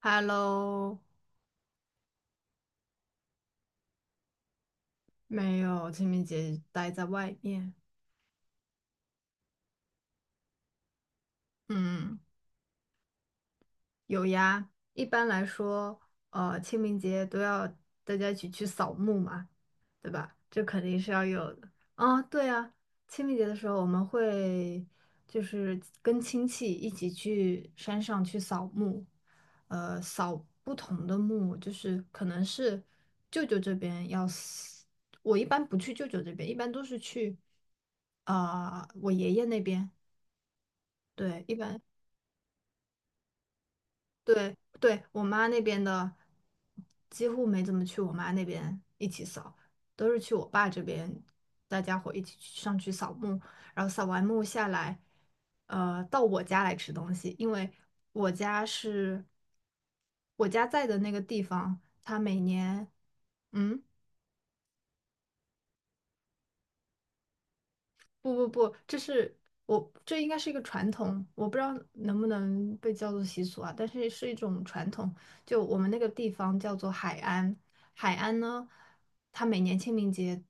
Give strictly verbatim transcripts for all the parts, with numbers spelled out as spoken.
Hello，没有，清明节待在外面。嗯，有呀。一般来说，呃，清明节都要大家一起去扫墓嘛。对吧？这肯定是要有的。啊，对啊，清明节的时候我们会就是跟亲戚一起去山上去扫墓，呃，扫不同的墓，就是可能是舅舅这边要死，我一般不去舅舅这边，一般都是去啊、我爷爷那边。对，一般。对对，我妈那边的几乎没怎么去我妈那边一起扫，都是去我爸这边，大家伙一起去上去扫墓，然后扫完墓下来，呃，到我家来吃东西，因为我家是我家在的那个地方，它每年，嗯。不不不，这是我这应该是一个传统，我不知道能不能被叫做习俗啊，但是是一种传统。就我们那个地方叫做海安，海安呢，它每年清明节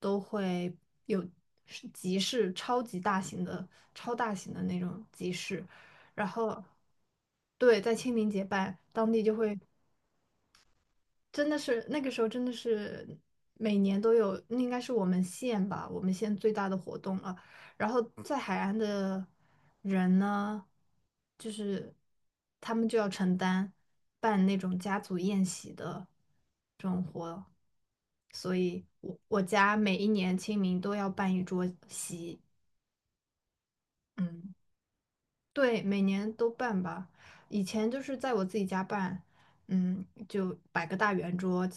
都会有是集市，超级大型的、超大型的那种集市，然后对，在清明节办，当地就会真的是那个时候真的是每年都有，那应该是我们县吧，我们县最大的活动了。然后在海岸的人呢，就是他们就要承担办那种家族宴席的这种活，所以我我家每一年清明都要办一桌席，嗯。对，每年都办吧。以前就是在我自己家办，嗯，就摆个大圆桌，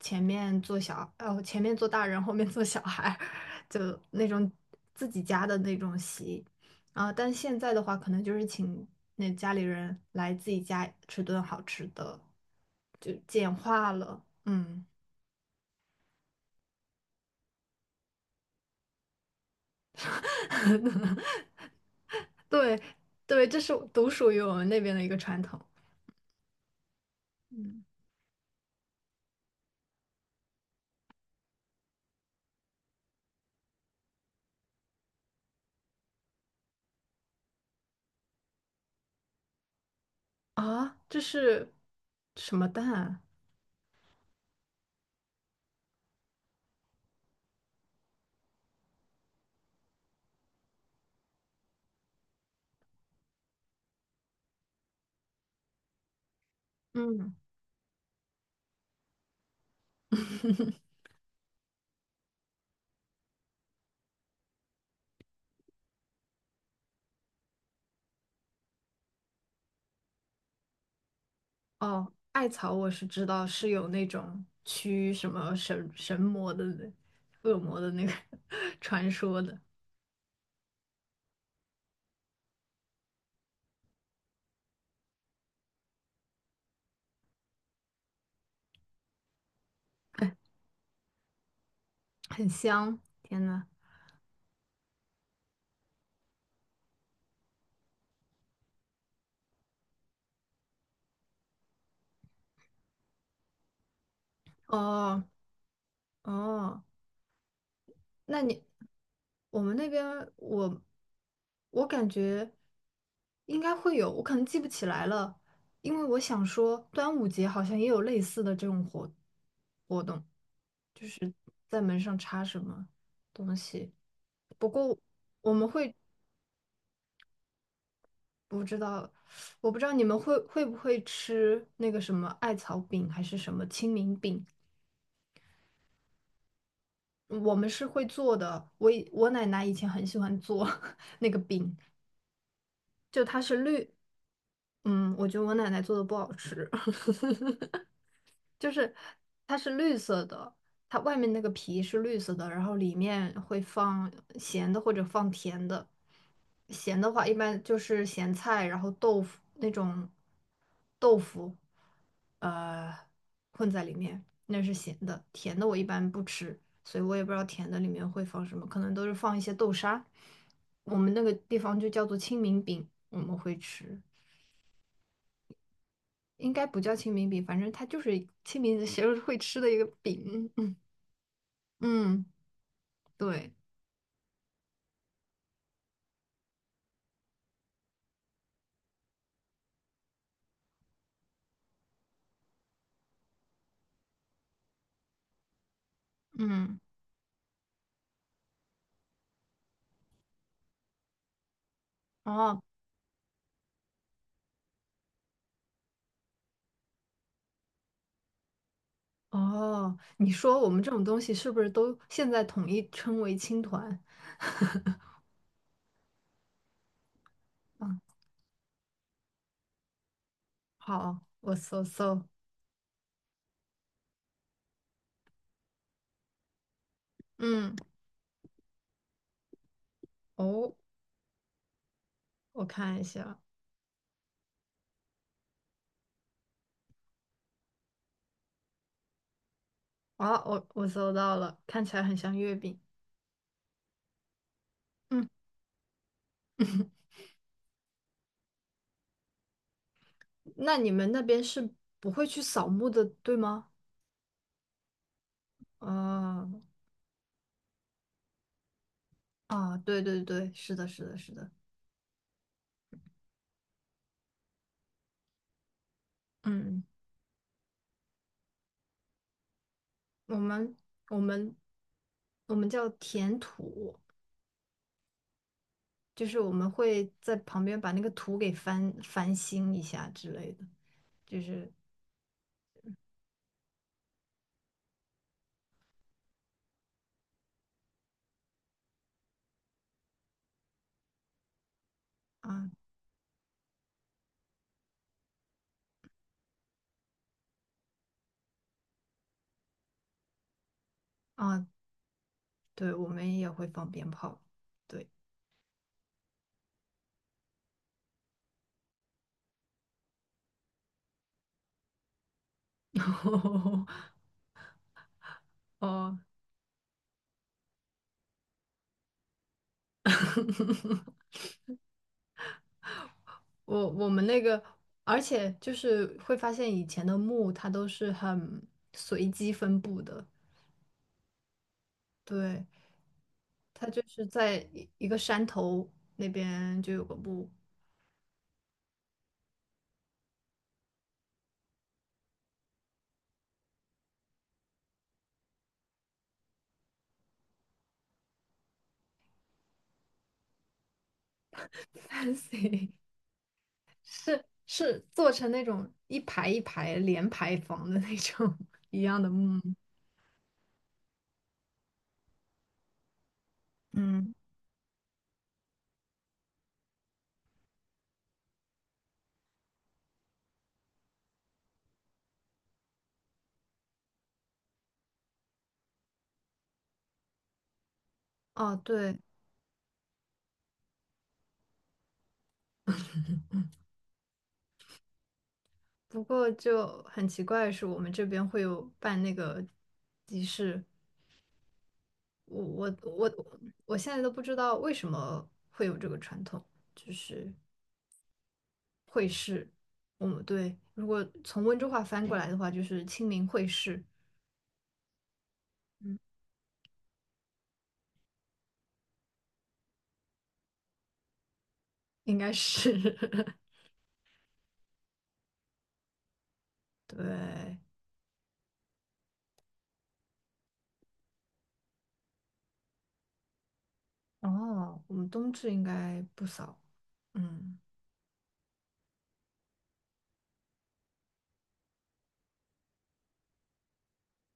前面坐小，哦，前面坐大人，后面坐小孩儿，就那种自己家的那种席。啊，但现在的话，可能就是请那家里人来自己家吃顿好吃的，就简化了。嗯，对对，这是独属于我们那边的一个传统。嗯。啊，这是什么蛋啊嗯，哦，艾草我是知道是有那种驱什么神神魔的那恶魔的那个 传说的，很香。天呐，哦哦，那你我们那边我我感觉应该会有，我可能记不起来了，因为我想说端午节好像也有类似的这种活活动，就是在门上插什么东西。不过我们会不知道，我不知道你们会会不会吃那个什么艾草饼还是什么清明饼。我们是会做的，我以我奶奶以前很喜欢做 那个饼，就它是绿嗯，我觉得我奶奶做的不好吃，就是它是绿色的，它外面那个皮是绿色的，然后里面会放咸的或者放甜的。咸的话一般就是咸菜，然后豆腐那种豆腐，呃，混在里面，那是咸的。甜的我一般不吃，所以我也不知道甜的里面会放什么，可能都是放一些豆沙。我们那个地方就叫做清明饼，我们会吃。应该不叫清明饼，反正它就是清明节会吃的一个饼。嗯嗯，对，嗯，哦哦，你说我们这种东西是不是都现在统一称为青团？嗯，好，我搜搜。嗯，哦，我看一下。啊，我我搜到了，看起来很像月饼。嗯，那你们那边是不会去扫墓的，对吗？啊啊，对对对，是的，是的，是的。嗯。我们我们我们叫填土，就是我们会在旁边把那个土给翻翻新一下之类的，就是啊啊，对，我们也会放鞭炮，对，哦，我我们那个，而且就是会发现以前的墓它都是很随机分布的，对，它就是在一一个山头那边就有个墓 ，fancy。是是做成那种一排一排连排房的那种 一样的木木嗯，哦，对，不过就很奇怪的是，我们这边会有办那个集市，我我我我现在都不知道为什么会有这个传统，就是会试。我们对，如果从温州话翻过来的话，就是清明会试，嗯应该是 对。哦，我们冬至应该不扫，嗯。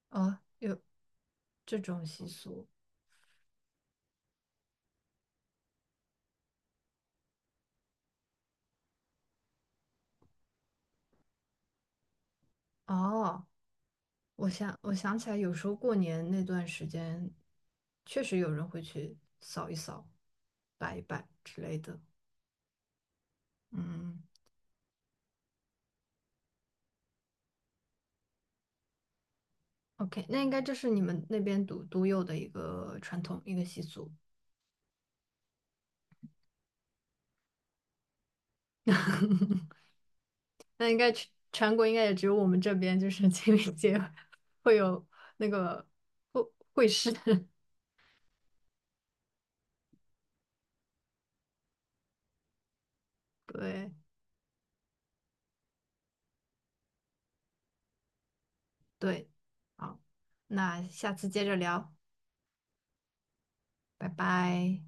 哦，有这种习俗哦。我想，我想起来，有时候过年那段时间，确实有人会去扫一扫、摆一摆之类的。嗯，OK，那应该这是你们那边独独有的一个传统、一个习俗。那应该全全国应该也只有我们这边，就是 清明节会有那个会会师。对对，好，那下次接着聊，拜拜。